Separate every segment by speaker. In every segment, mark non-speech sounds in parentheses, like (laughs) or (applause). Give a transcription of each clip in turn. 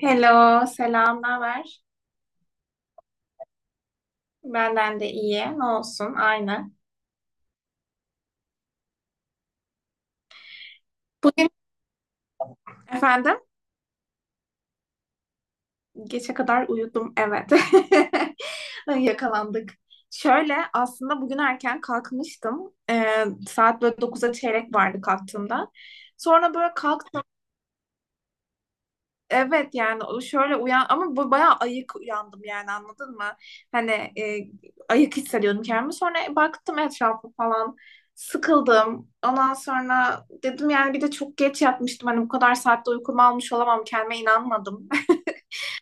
Speaker 1: Hello, selam, ne haber? Benden de iyi, ne olsun, aynı. Bugün efendim, geçe kadar uyudum, evet. (laughs) Yakalandık. Şöyle, aslında bugün erken kalkmıştım. Saat böyle 9'a çeyrek vardı kalktığımda. Sonra böyle kalk. Evet, yani o şöyle uyan ama bu bayağı ayık uyandım, yani anladın mı? Hani ayık hissediyordum kendimi. Sonra baktım etrafa falan, sıkıldım. Ondan sonra dedim, yani bir de çok geç yatmıştım. Hani bu kadar saatte uykumu almış olamam, kendime inanmadım.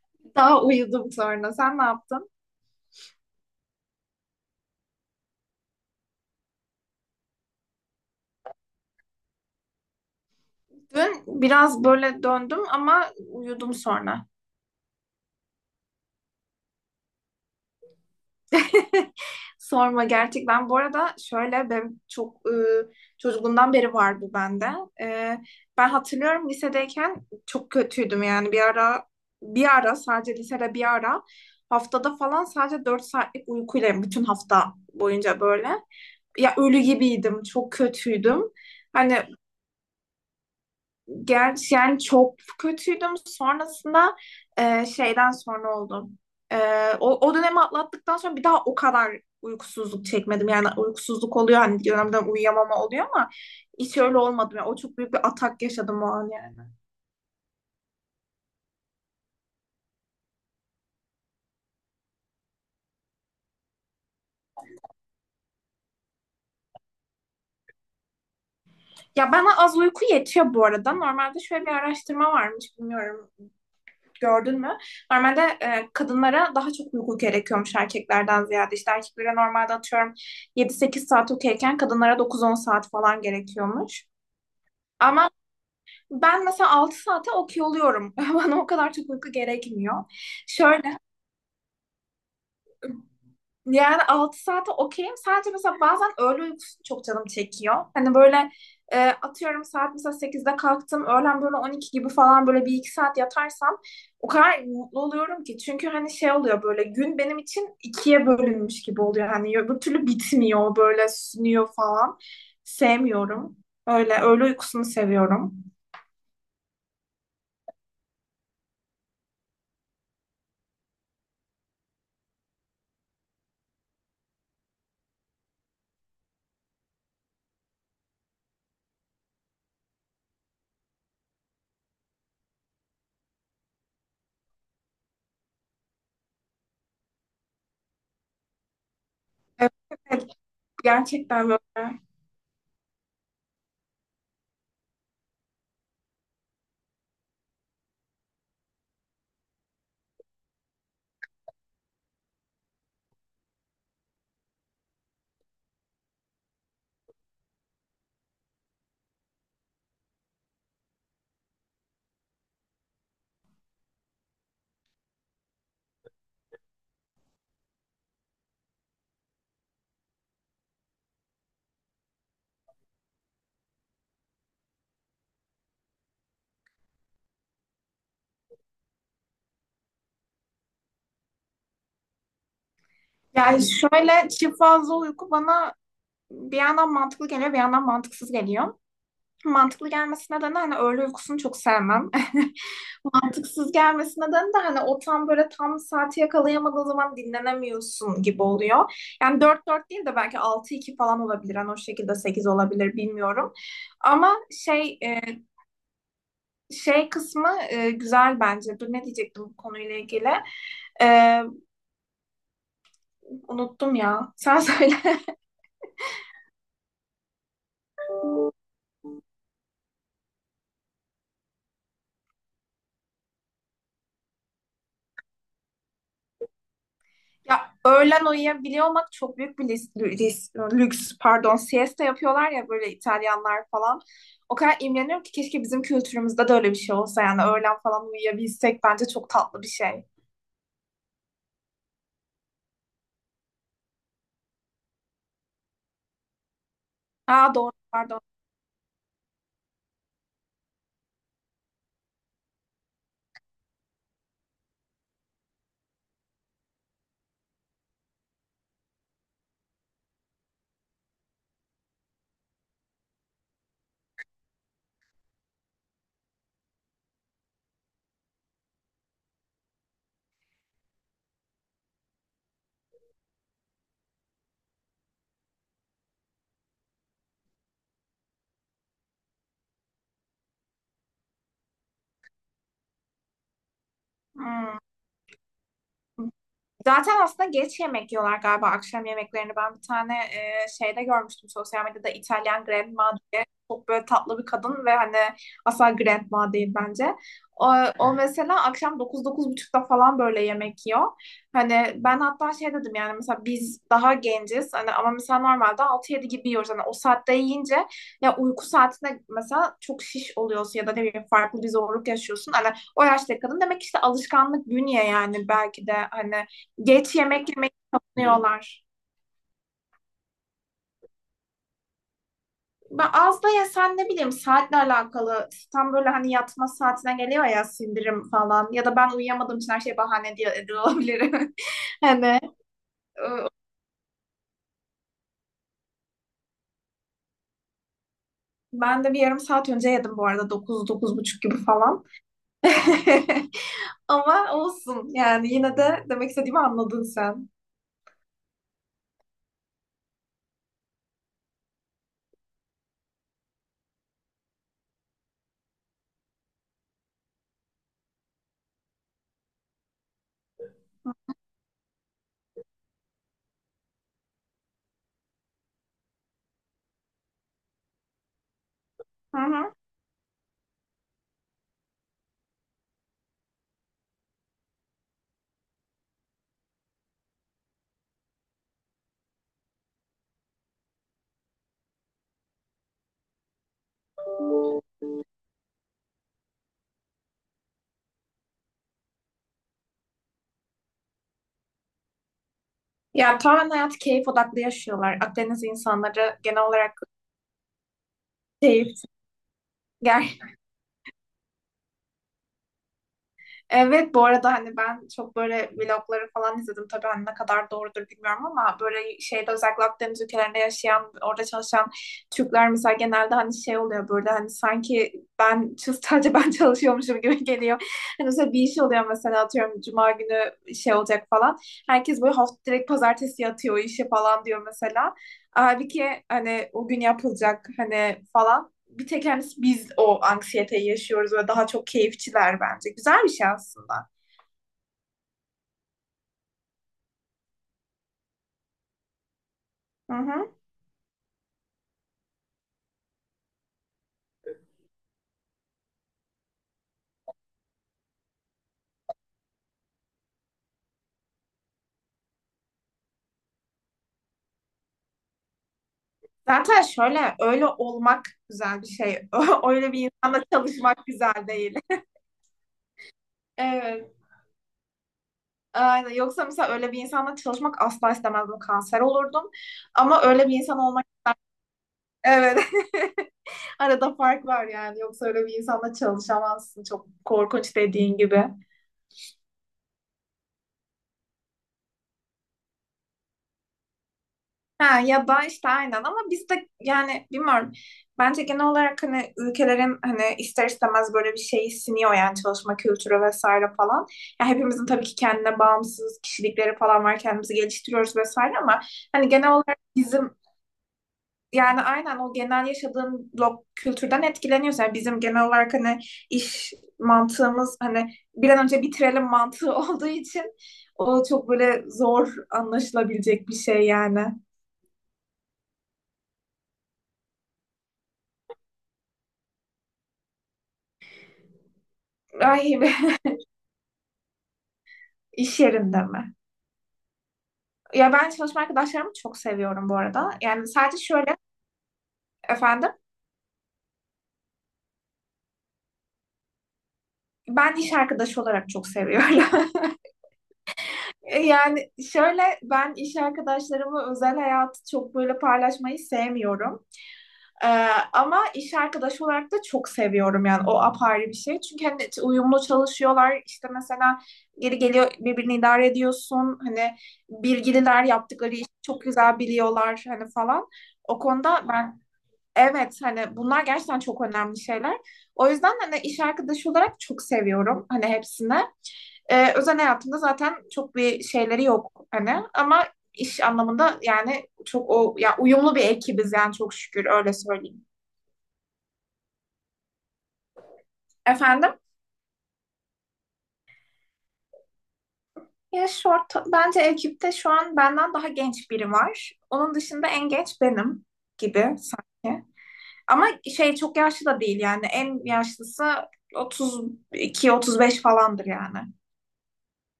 Speaker 1: (laughs) Daha uyudum sonra. Sen ne yaptın? Dün biraz böyle döndüm ama uyudum sonra. Sorma gerçekten. Bu arada şöyle benim çok çocukluğumdan beri var bu bende. E, Ben hatırlıyorum lisedeyken çok kötüydüm, yani bir ara sadece lisede bir ara haftada falan sadece 4 saatlik uykuyla bütün hafta boyunca böyle ya ölü gibiydim, çok kötüydüm. Hani. Gerçi yani çok kötüydüm. Sonrasında şeyden sonra oldum. E, o dönemi atlattıktan sonra bir daha o kadar uykusuzluk çekmedim. Yani uykusuzluk oluyor, hani dönemden uyuyamama oluyor ama hiç öyle olmadı. Yani o çok büyük bir atak yaşadım o an, yani. Ya bana az uyku yetiyor bu arada. Normalde şöyle bir araştırma varmış, bilmiyorum, gördün mü? Normalde kadınlara daha çok uyku gerekiyormuş erkeklerden ziyade. İşte erkeklere normalde atıyorum 7-8 saat okeyken kadınlara 9-10 saat falan gerekiyormuş. Ama ben mesela 6 saate okey oluyorum. (laughs) Bana o kadar çok uyku gerekmiyor. Şöyle yani 6 saate okeyim. Sadece mesela bazen öğle uykusu çok canım çekiyor. Hani böyle atıyorum saat mesela 8'de kalktım. Öğlen böyle 12 gibi falan böyle 1-2 saat yatarsam o kadar mutlu oluyorum ki. Çünkü hani şey oluyor, böyle gün benim için ikiye bölünmüş gibi oluyor. Hani öbür türlü bitmiyor, böyle sünüyor falan. Sevmiyorum. Öyle öğle uykusunu seviyorum. Evet, evet, gerçekten böyle. Yani şöyle çift fazla uyku bana bir yandan mantıklı geliyor, bir yandan mantıksız geliyor. Mantıklı gelmesi nedeni hani öğle uykusunu çok sevmem. (laughs) Mantıksız gelmesi nedeni de hani o tam böyle tam saati yakalayamadığın zaman dinlenemiyorsun gibi oluyor. Yani dört dört değil de belki altı iki falan olabilir. Hani o şekilde 8 olabilir, bilmiyorum. Ama şey şey kısmı güzel bence. Dur, ne diyecektim bu konuyla ilgili? E, Unuttum ya. Sen söyle. (laughs) Ya öğlen uyuyabiliyor olmak çok büyük bir lüks. Pardon, siesta yapıyorlar ya, böyle İtalyanlar falan. O kadar imreniyorum ki, keşke bizim kültürümüzde de öyle bir şey olsa, yani öğlen falan uyuyabilsek bence çok tatlı bir şey. Ha doğru, pardon. Hmm. Zaten aslında geç yemek yiyorlar galiba akşam yemeklerini. Ben bir tane şeyde görmüştüm sosyal medyada, İtalyan Grandma diye. Çok böyle tatlı bir kadın ve hani asla Grandma değil bence. O, o mesela akşam 9-9 buçukta falan böyle yemek yiyor. Hani ben hatta şey dedim, yani mesela biz daha genciz hani ama mesela normalde 6-7 gibi yiyoruz. Hani o saatte yiyince ya uyku saatinde mesela çok şiş oluyorsun ya da ne bileyim farklı bir zorluk yaşıyorsun. Hani o yaşta kadın, demek ki işte alışkanlık, bünye, yani belki de hani geç yemek yemeyi savunuyorlar. Ben az da yesen ne bileyim, saatle alakalı. Tam böyle hani yatma saatine geliyor ya sindirim falan. Ya da ben uyuyamadığım için her şey bahane diye ediyor olabilirim. (laughs) Hani e, ben de bir yarım saat önce yedim bu arada. 9 buçuk gibi falan. (laughs) Ama olsun, yani yine de demek istediğimi anladın sen. Hı hı. Ya tamamen hayatı keyif odaklı yaşıyorlar. Akdeniz insanları genel olarak keyif. Evet, bu arada hani ben çok böyle vlogları falan izledim. Tabii hani ne kadar doğrudur bilmiyorum, ama böyle şeyde özellikle Akdeniz ülkelerinde yaşayan, orada çalışan Türkler mesela genelde hani şey oluyor böyle, hani sanki ben (laughs) sadece ben çalışıyormuşum gibi geliyor. Hani mesela bir iş oluyor, mesela atıyorum cuma günü şey olacak falan. Herkes böyle hafta direkt pazartesi yatıyor o işe falan diyor mesela. Halbuki hani o gün yapılacak hani falan, bir tek hani biz o anksiyeteyi yaşıyoruz ve daha çok keyifçiler bence. Güzel bir şey aslında. Hı hı. Zaten şöyle öyle olmak güzel bir şey. (laughs) Öyle bir insanla çalışmak güzel değil. (laughs) Evet. Aynen. Yoksa mesela öyle bir insanla çalışmak asla istemezdim. Kanser olurdum. Ama öyle bir insan olmak. Evet. (laughs) Arada fark var yani. Yoksa öyle bir insanla çalışamazsın. Çok korkunç, dediğin gibi. Ha, ya da işte aynen, ama biz de yani bilmiyorum. Bence genel olarak hani ülkelerin hani ister istemez böyle bir şeyi siniyor, yani çalışma kültürü vesaire falan. Ya hepimizin tabii ki kendine bağımsız kişilikleri falan var. Kendimizi geliştiriyoruz vesaire ama hani genel olarak bizim, yani aynen o genel yaşadığın kültürden etkileniyoruz. Yani bizim genel olarak hani iş mantığımız hani bir an önce bitirelim mantığı (laughs) olduğu için o çok böyle zor anlaşılabilecek bir şey yani. Ay. (laughs) İş yerinde mi? Ya ben çalışma arkadaşlarımı çok seviyorum bu arada. Yani sadece şöyle efendim ben iş arkadaşı olarak çok seviyorum. (laughs) Yani şöyle ben iş arkadaşlarımı özel hayatı çok böyle paylaşmayı sevmiyorum. Ee, Ama iş arkadaşı olarak da çok seviyorum yani, o apayrı bir şey. Çünkü hani uyumlu çalışıyorlar, işte mesela geri geliyor, birbirini idare ediyorsun. Hani bilgililer, yaptıkları işi çok güzel biliyorlar hani falan. O konuda ben. Evet, hani bunlar gerçekten çok önemli şeyler. O yüzden hani iş arkadaşı olarak çok seviyorum hani hepsini. Özel hayatımda zaten çok bir şeyleri yok hani, ama iş anlamında yani çok o ya uyumlu bir ekibiz yani, çok şükür öyle söyleyeyim. Efendim? Ya short bence ekipte şu an benden daha genç biri var. Onun dışında en genç benim gibi sanki. Ama şey çok yaşlı da değil yani en yaşlısı 32-35 falandır yani.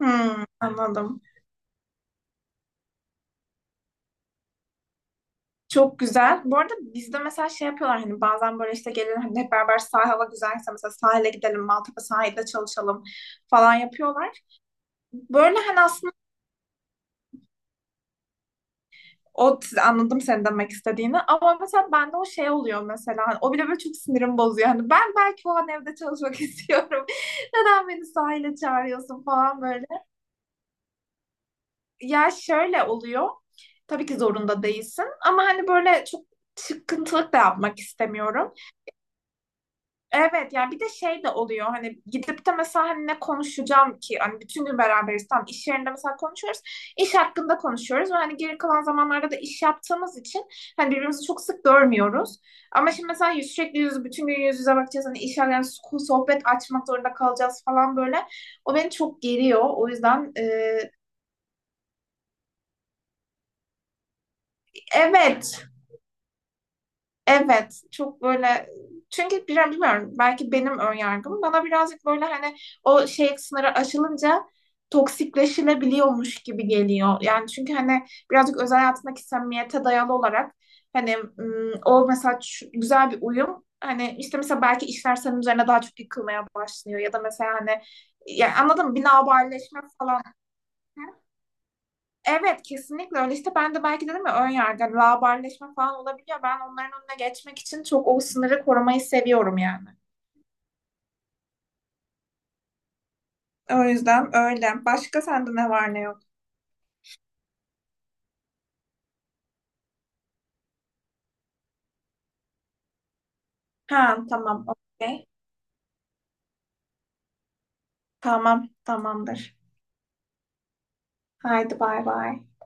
Speaker 1: Hmm, anladım. Çok güzel. Bu arada bizde mesela şey yapıyorlar hani bazen böyle işte gelin hani hep beraber sahil, hava güzelse mesela sahile gidelim, Maltepe sahilde çalışalım falan yapıyorlar. Böyle hani aslında o anladım senin demek istediğini, ama mesela bende o şey oluyor, mesela hani o bile böyle çok sinirim bozuyor. Hani ben belki o an evde çalışmak (laughs) istiyorum. Neden beni sahile çağırıyorsun falan böyle. Ya şöyle oluyor. Tabii ki zorunda değilsin ama hani böyle çok çıkıntılık da yapmak istemiyorum. Evet yani bir de şey de oluyor, hani gidip de mesela hani ne konuşacağım ki, hani bütün gün beraberiz, tam iş yerinde mesela konuşuyoruz, iş hakkında konuşuyoruz ve hani geri kalan zamanlarda da iş yaptığımız için hani birbirimizi çok sık görmüyoruz, ama şimdi mesela sürekli yüz bütün gün yüz yüze bakacağız hani iş yani sohbet açmak zorunda kalacağız falan böyle, o beni çok geriyor, o yüzden evet. Evet, çok böyle, çünkü biraz bilmiyorum belki benim ön yargım, bana birazcık böyle hani o şey, sınırı aşılınca toksikleşilebiliyormuş gibi geliyor. Yani çünkü hani birazcık özel hayatındaki samimiyete dayalı olarak hani o mesela güzel bir uyum hani, işte mesela belki işler senin üzerine daha çok yıkılmaya başlıyor ya da mesela hani yani anladın mı, bir laubalileşme falan. Evet, kesinlikle öyle. İşte ben de belki dedim ya, ön yargı hani laubalileşme falan olabiliyor. Ben onların önüne geçmek için çok o sınırı korumayı seviyorum yani. O yüzden öyle. Başka sende ne var ne yok? Ha tamam, okey. Tamam, tamamdır. Haydi, bay bay.